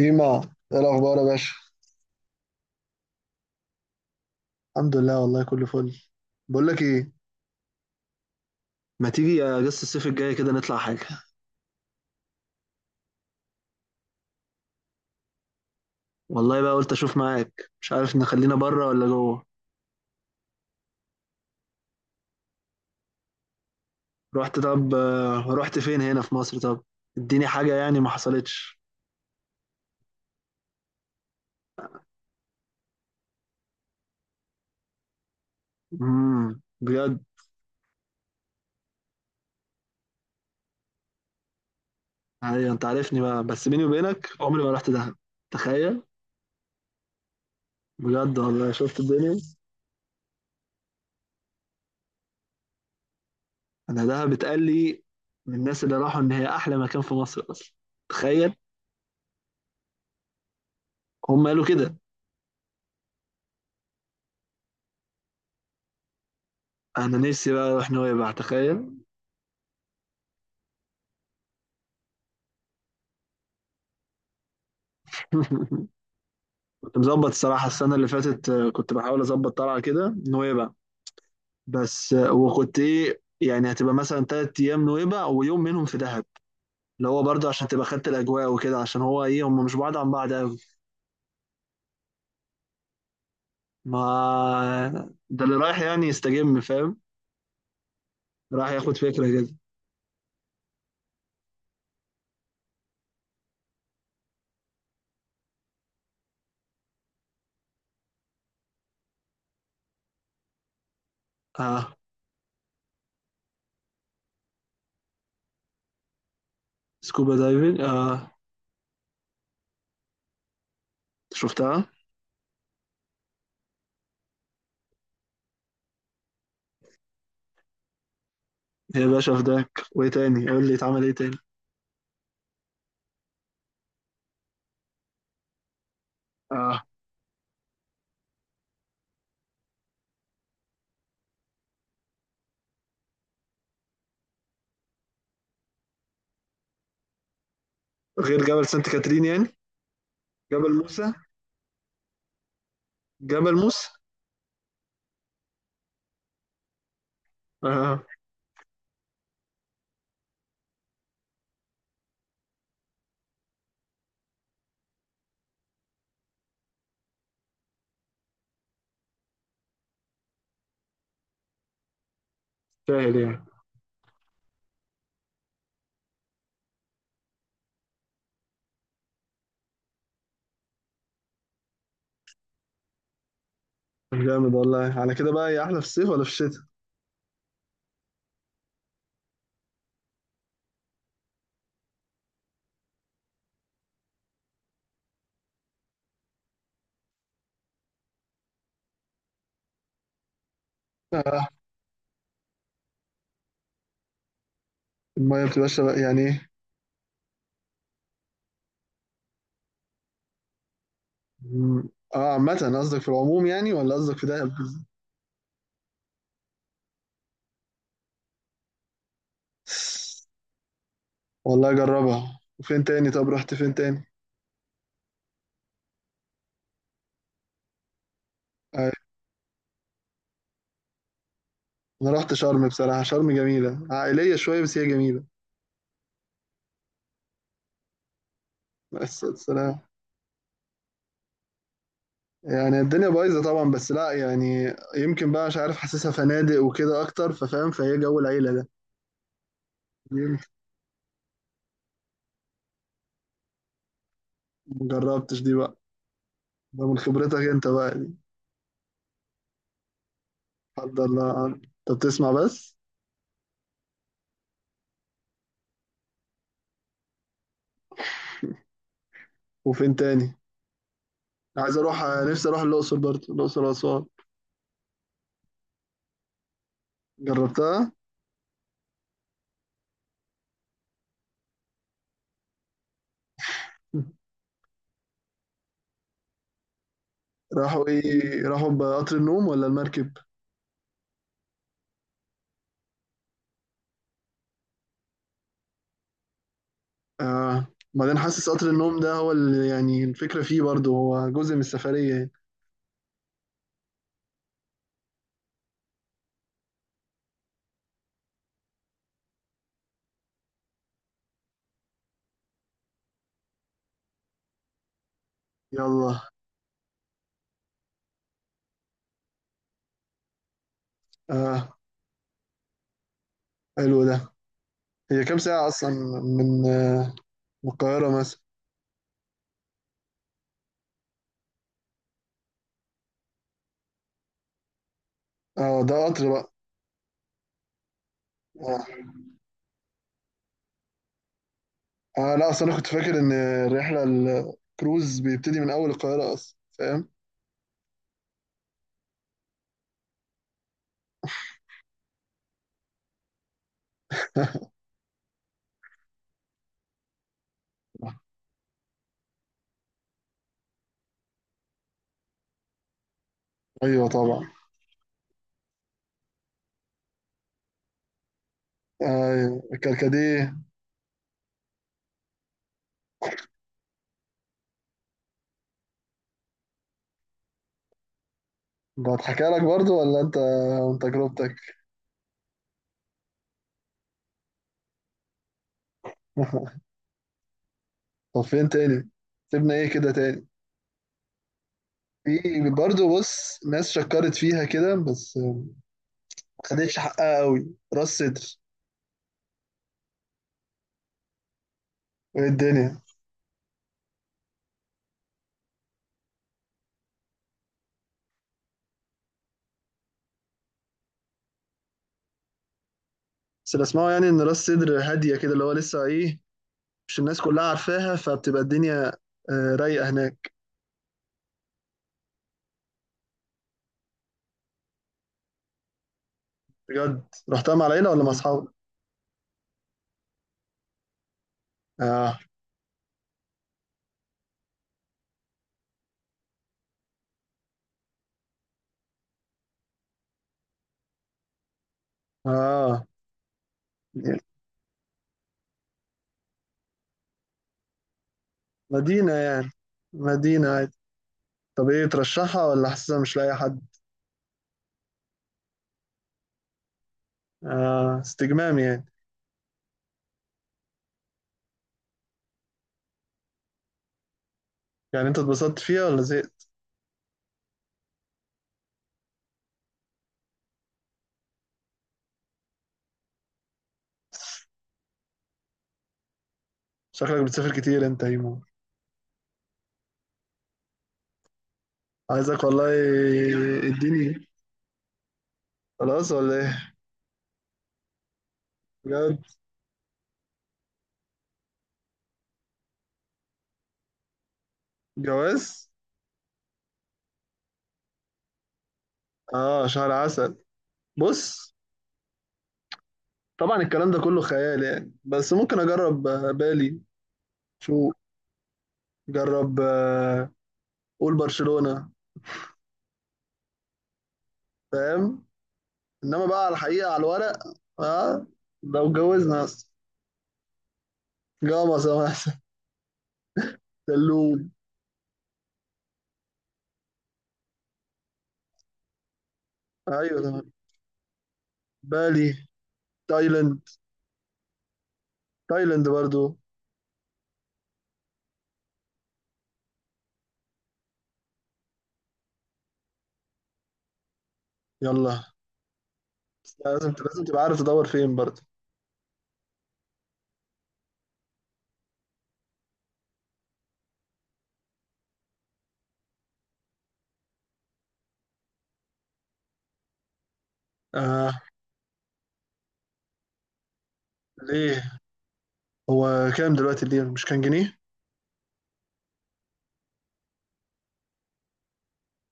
إيما، إيه الأخبار يا باشا؟ الحمد لله، والله كله فل. بقول لك إيه، ما تيجي أجازة الصيف الجاية كده نطلع حاجة؟ والله بقى قلت أشوف معاك، مش عارف نخلينا بره ولا جوه. رحت طب آه، رحت فين؟ هنا في مصر؟ طب اديني حاجة يعني ما حصلتش. بجد. أيوة أنت عارفني بقى، بس بيني وبينك عمري ما رحت دهب. تخيل. بجد والله شفت الدنيا. أنا دهب اتقال لي من الناس اللي راحوا إن هي أحلى مكان في مصر أصلا. تخيل. هم قالوا كده. أنا نفسي بقى أروح نويبع، تخيل. كنت مظبط الصراحة السنة اللي فاتت، كنت بحاول أظبط طلعة كده نويبع. بس وكنت إيه يعني، هتبقى مثلا تلات أيام نويبع ويوم منهم في دهب، اللي هو برضه عشان تبقى خدت الأجواء وكده، عشان هو إيه، هم مش بعاد عن بعض أوي. ما ده اللي رايح يعني يستجم، فاهم. رايح ياخد فكرة كده. آه. سكوبا دايفنج، آه. شفتها. يا باشا فداك، وإيه تاني؟ قول لي اتعمل إيه تاني. آه. غير جبل سانت كاترين يعني؟ جبل موسى. جبل موسى. آه. سهل يعني. طب جامد والله، على كده بقى هي احلى في الصيف ولا في الشتاء؟ آه. الميه بتبقى شبه يعني ايه؟ مم. اه، عامة قصدك في العموم يعني ولا قصدك في دهب؟ والله اجربها. وفين تاني؟ طب رحت فين تاني؟ آه. انا رحت شرم، بصراحة شرم جميلة عائلية شوية، بس هي جميلة. بس سلام. يعني الدنيا بايظة طبعا، بس لا، يعني يمكن بقى مش عارف، حاسسها فنادق وكده اكتر ففاهم، فهي جو العيلة ده. يمكن. مجربتش دي بقى. ده من خبرتك انت بقى دي؟ حد الله، انت بتسمع بس. وفين تاني؟ عايز اروح. نفسي اروح الاقصر برضه، الاقصر واسوان. جربتها؟ راحوا ايه؟ راحوا بقطر النوم ولا المركب؟ آه. بعدين حاسس قطر النوم ده هو اللي يعني الفكرة فيه، برضه هو جزء من السفرية يعني. يلا. آه. حلو ده. هي كام ساعة أصلا؟ من آه من القاهرة مثلا. اه ده قطر بقى. آه. اه لا، اصل انا كنت فاكر ان الرحلة الكروز بيبتدي من اول القاهرة اصلا، فاهم. ايوه طبعا. ايوه الكركديه. ده اتحكى لك برضو ولا انت من تجربتك؟ طب فين تاني؟ سيبنا ايه كده تاني؟ في برضو، بص، ناس شكرت فيها كده بس ما خدتش حقها قوي، راس صدر. ايه الدنيا؟ بس اللي اسمعه يعني ان راس صدر هادية كده، اللي هو لسه ايه، مش الناس كلها عارفاها، فبتبقى الدنيا رايقة هناك. بجد؟ رحتها مع العيلة ولا مع اصحابك؟ اه. اه مدينة يعني. مدينة عادي. طب ايه، ترشحها ولا حاسسها مش لاقي حد؟ آه استجمام يعني. يعني انت اتبسطت فيها ولا زهقت؟ شكلك بتسافر كتير انت يا هيمو. عايزك والله. اديني. خلاص ولا ايه؟ بجد. جواز. اه شهر عسل. بص. طبعا الكلام ده كله خيال يعني، بس ممكن اجرب بالي. شو. جرب. قول برشلونة. فاهم. انما بقى على الحقيقة على الورق. اه. لو اتجوزنا اصلا. جامصة مثلا. سلوم. ايوه تمام. بالي. تايلاند. تايلاند برضو. يلا. لازم لازم تبقى عارف تدور فين برضه. آه. ليه؟ هو كام دلوقتي الليرة، مش كان جنيه؟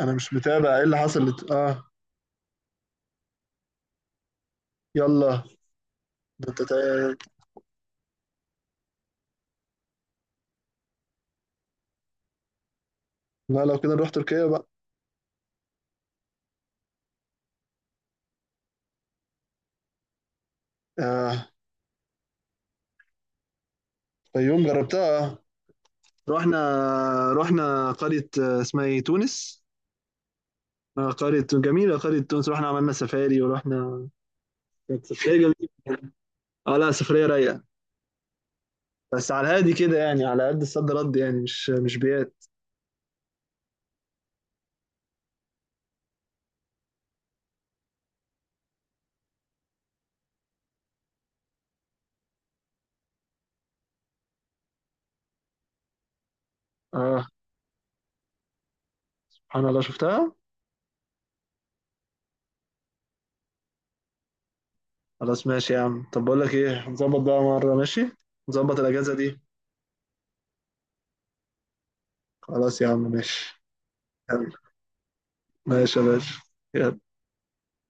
انا مش متابع ايه اللي حصل يلا. ده انت لا لو كده نروح تركيا بقى. آه. يوم جربتها. رحنا رحنا قرية، اسمها ايه، تونس. آه قرية جميلة، قرية تونس. رحنا عملنا سفاري ورحنا. كانت سفرية جميلة. اه لا، سفرية رايقة. بس على الهادي كده يعني، على قد الصد رد يعني، مش بيات. اه. سبحان الله شفتها. خلاص ماشي يا عم، طب بقول لك ايه، نظبط بقى مرة، ماشي. نظبط الأجازة دي. خلاص يا عم ماشي. يلا ماشي يا باشا. يلا.